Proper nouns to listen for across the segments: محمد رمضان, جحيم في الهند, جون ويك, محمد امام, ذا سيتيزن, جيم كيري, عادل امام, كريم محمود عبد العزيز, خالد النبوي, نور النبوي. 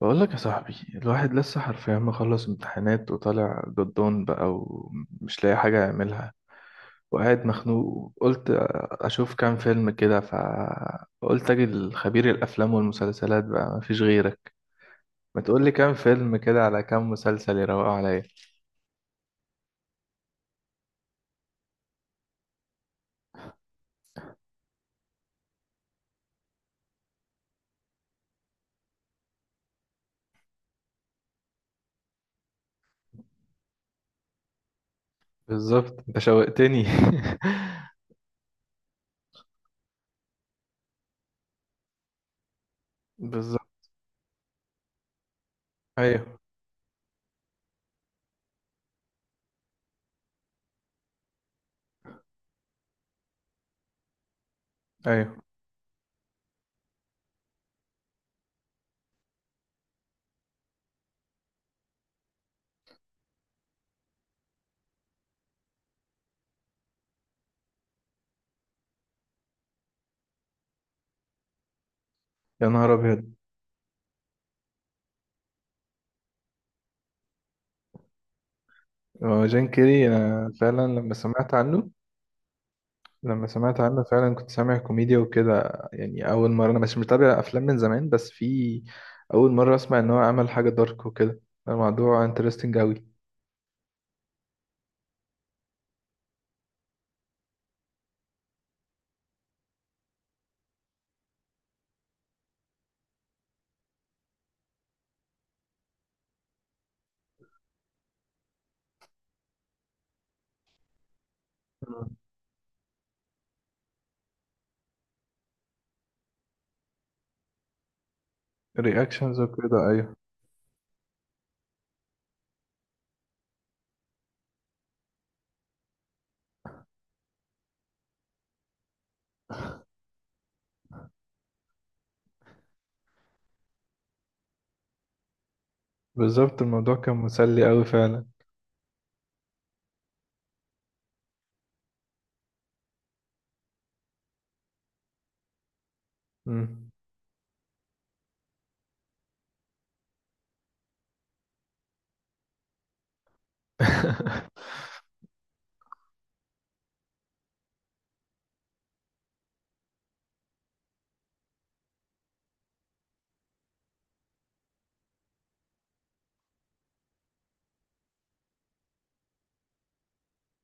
بقول لك يا صاحبي، الواحد لسه حرفيا مخلص امتحانات وطالع جدون بقى ومش لاقي حاجة يعملها، وقاعد مخنوق. قلت أشوف كام فيلم كده، فقلت أجي لخبير الأفلام والمسلسلات بقى، مفيش غيرك. ما تقول لي كام فيلم كده على كام مسلسل يروقوا عليا. بالظبط، أنت شوقتني بالظبط. أيوه أيوه. يا نهار أبيض! هو جين كيري، أنا فعلا لما سمعت عنه فعلا كنت سامع كوميديا وكده. يعني اول مره، انا مش متابع افلام من زمان، بس في اول مره اسمع ان هو عمل حاجه دارك وكده. الموضوع انترستنج قوي. رياكشنز وكده، ايوه. بالظبط، الموضوع كان مسلي قوي فعلا. مم.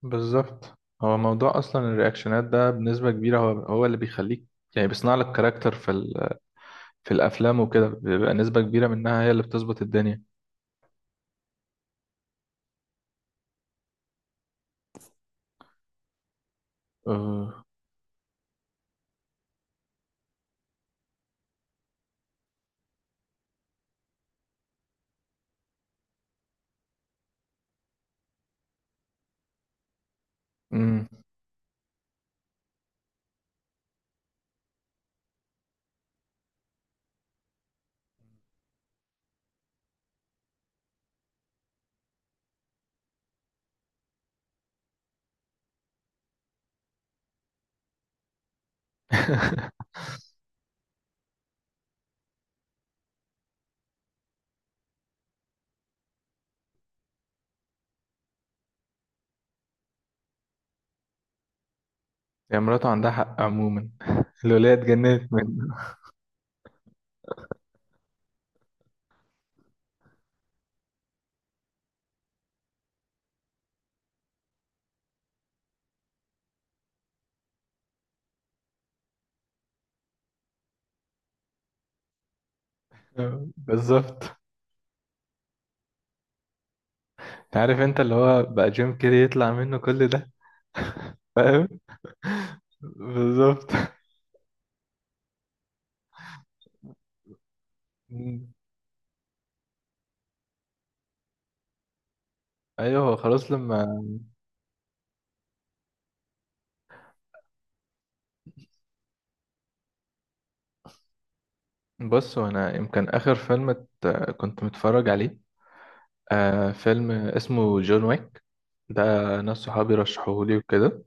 بالظبط. هو موضوع اصلا، الرياكشنات ده بنسبه كبيره، هو هو اللي بيخليك، يعني بيصنع لك كاركتر في في الافلام وكده، بيبقى نسبه كبيره منها هي اللي بتظبط الدنيا. أه. مم. هي مراته عندها حق عموما الولاية اتجننت منه. آه، بالظبط. عارف انت اللي هو بقى جيم كيري يطلع منه كل ده؟ فاهم. بالظبط. مم. ايوه، هو خلاص لما. بص، هو انا يمكن اخر فيلم كنت متفرج عليه، فيلم اسمه جون ويك، ده ناس صحابي رشحوهولي وكده.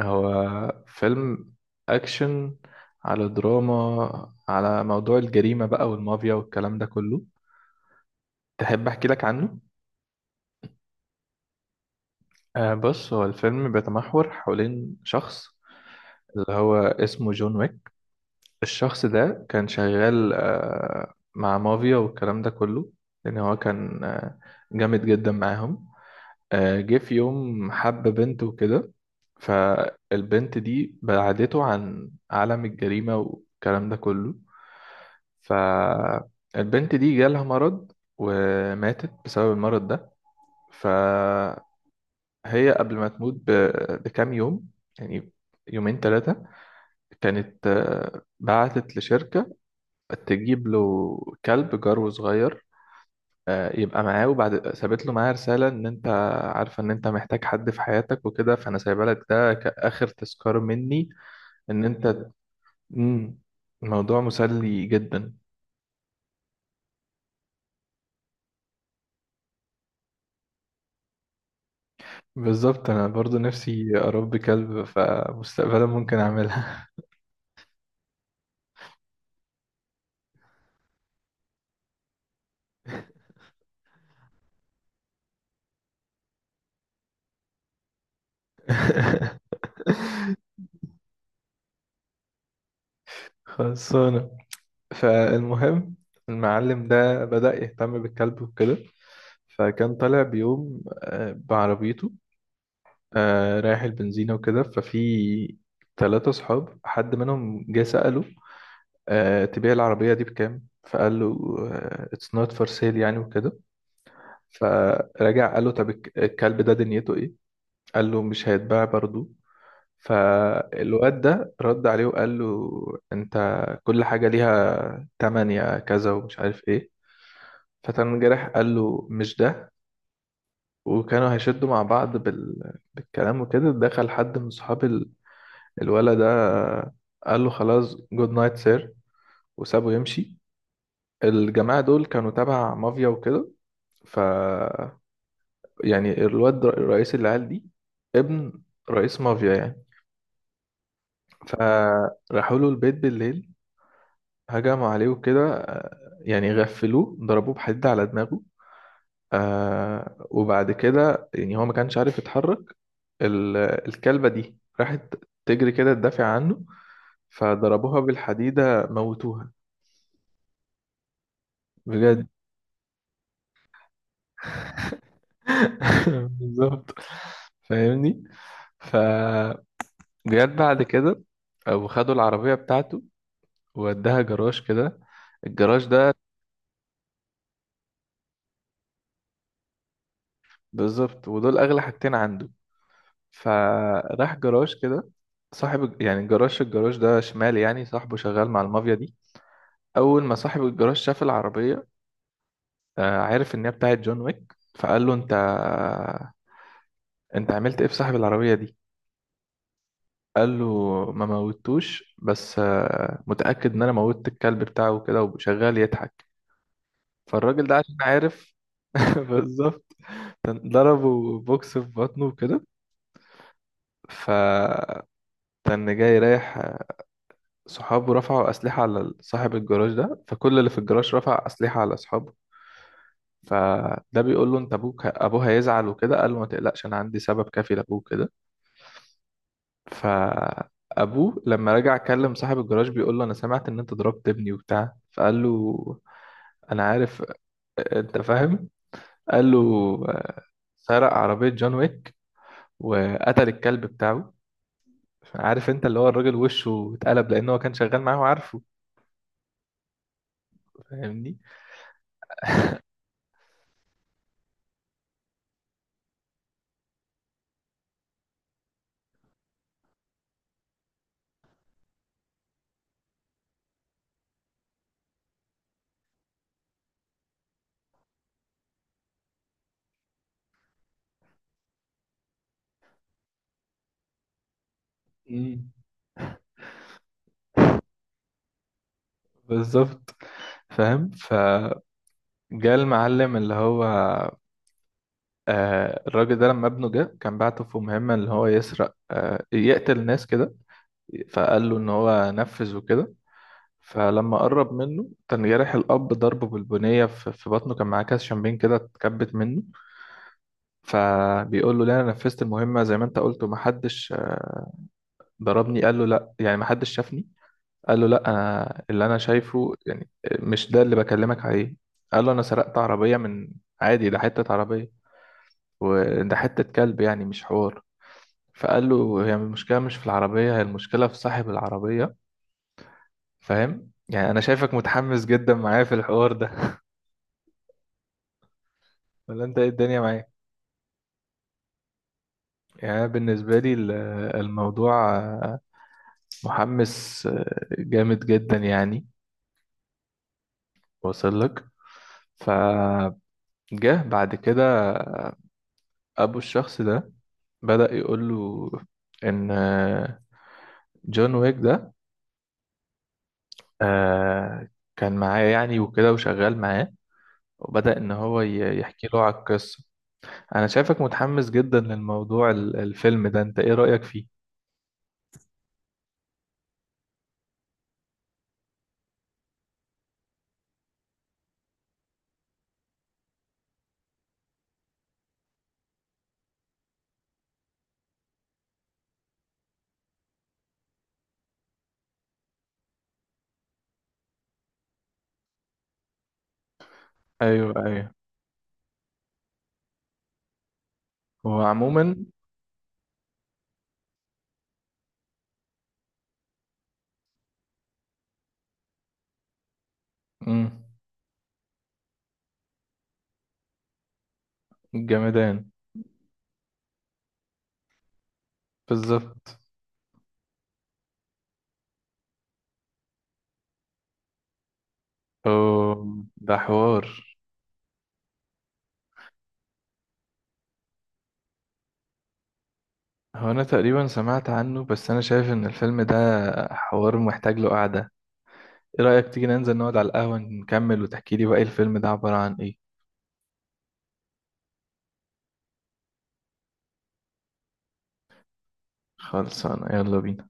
هو فيلم اكشن على دراما، على موضوع الجريمة بقى والمافيا والكلام ده كله. تحب احكي لك عنه؟ بص، هو الفيلم بيتمحور حوالين شخص اللي هو اسمه جون ويك. الشخص ده كان شغال مع مافيا والكلام ده كله، لأن هو كان جامد جدا معاهم. جه في يوم حب بنت وكده، فالبنت دي بعدته عن عالم الجريمة والكلام ده كله. فالبنت دي جالها مرض، وماتت بسبب المرض ده. ف، هي قبل ما تموت بكام يوم، يعني يومين ثلاثة، كانت بعتت لشركة تجيب له كلب جرو صغير، يبقى معاه، وبعد سابت له معاه رسالة إن أنت عارفة إن أنت محتاج حد في حياتك وكده، فأنا سايبة لك ده كآخر تذكار مني، إن أنت. مم، الموضوع مسلي جدا. بالظبط، أنا برضو نفسي أربي كلب، فمستقبلا ممكن أعملها خلاص. فالمهم، المعلم ده بدأ يهتم بالكلب وكده. فكان طالع بيوم بعربيته، رايح البنزينة وكده، ففي ثلاثة صحاب حد منهم جه سأله تبيع العربية دي بكام؟ فقال له it's not for sale يعني وكده. فرجع قال له طب الكلب ده دنيته ايه، قال له مش هيتباع برضه. فالواد ده رد عليه وقال له انت، كل حاجة ليها تمن يا كذا ومش عارف ايه. فتن جرح، قال له مش ده، وكانوا هيشدوا مع بعض بالكلام وكده، دخل حد من صحاب الولد ده، قال له خلاص جود نايت سير، وسابه يمشي. الجماعة دول كانوا تبع مافيا وكده. ف يعني الواد رئيس العيال دي، ابن رئيس مافيا يعني. فراحوا له البيت بالليل، هجموا عليه وكده، يعني غفلوه، ضربوه بحديد على دماغه. وبعد كده يعني هو ما كانش عارف يتحرك. ال- الكلبة دي راحت تجري كده تدافع عنه، فضربوها بالحديدة، موتوها. بجد بالظبط، فاهمني. فجت بعد كده، وخدوا العربية بتاعته، ووداها جراج كده. الجراج ده، بالظبط، ودول أغلى حاجتين عنده. فراح جراج كده، صاحب يعني جراج، الجراج ده شمالي، يعني صاحبه شغال مع المافيا دي. اول ما صاحب الجراج شاف العربيه، عرف ان هي بتاعت جون ويك، فقال له انت عملت ايه في صاحب العربيه دي؟ قال له ما موتوش، بس متاكد ان انا موتت الكلب بتاعه وكده، وشغال يضحك. فالراجل ده عشان عارف بالظبط، كان ضربه بوكس في بطنه وكده. فكان جاي رايح، صحابه رفعوا أسلحة على صاحب الجراج ده، فكل اللي في الجراج رفع أسلحة على أصحابه. فده بيقول له انت، ابوك ابوه هيزعل وكده، قال له ما تقلقش، انا عندي سبب كافي لابوه كده. فابوه لما رجع كلم صاحب الجراج بيقول له انا سمعت ان انت ضربت ابني وبتاع، فقال له انا عارف، انت فاهم، قال له آه، سرق عربية جون ويك وقتل الكلب بتاعه. عارف انت اللي هو الراجل وشه اتقلب، لان هو كان شغال معاه وعارفه. فاهمني. مم. بالظبط. فاهم، فجاء المعلم اللي هو الراجل ده، لما ابنه جه كان بعته في مهمة اللي هو يسرق، يقتل ناس كده. فقال له ان هو نفذ وكده. فلما قرب منه كان جارح الاب، ضربه بالبنية في بطنه، كان معاه كاس شامبين كده اتكبت منه. فبيقول له لا، انا نفذت المهمة زي ما انت قلت، ومحدش ضربني. قال له لا يعني محدش شافني. قال له لا، انا اللي انا شايفه يعني، مش ده اللي بكلمك عليه. قال له انا سرقت عربية من، عادي ده حتة عربية، وده حتة كلب، يعني مش حوار. فقال له هي المشكلة مش في العربية، هي المشكلة في صاحب العربية. فاهم؟ يعني أنا شايفك متحمس جدا معايا في الحوار ده ولا أنت إيه الدنيا معايا؟ يعني أنا بالنسبة لي الموضوع محمس، جامد جدا يعني، واصل لك. فجه بعد كده أبو الشخص ده بدأ يقول له إن جون ويك ده آه، كان معاه يعني وكده وشغال معاه. وبدأ إن هو يحكي له على القصة. انا شايفك متحمس جدا للموضوع الفيلم ده، انت ايه رأيك فيه؟ ايوه ايوه، هو عموما. امم. جمدان. بالظبط. أوه، ده حوار. هو انا تقريبا سمعت عنه، بس انا شايف ان الفيلم ده حوار محتاج له قعدة. ايه رأيك تيجي ننزل نقعد على القهوة نكمل، وتحكي لي بقى إيه الفيلم ده عبارة عن ايه؟ خلصانة، يلا بينا.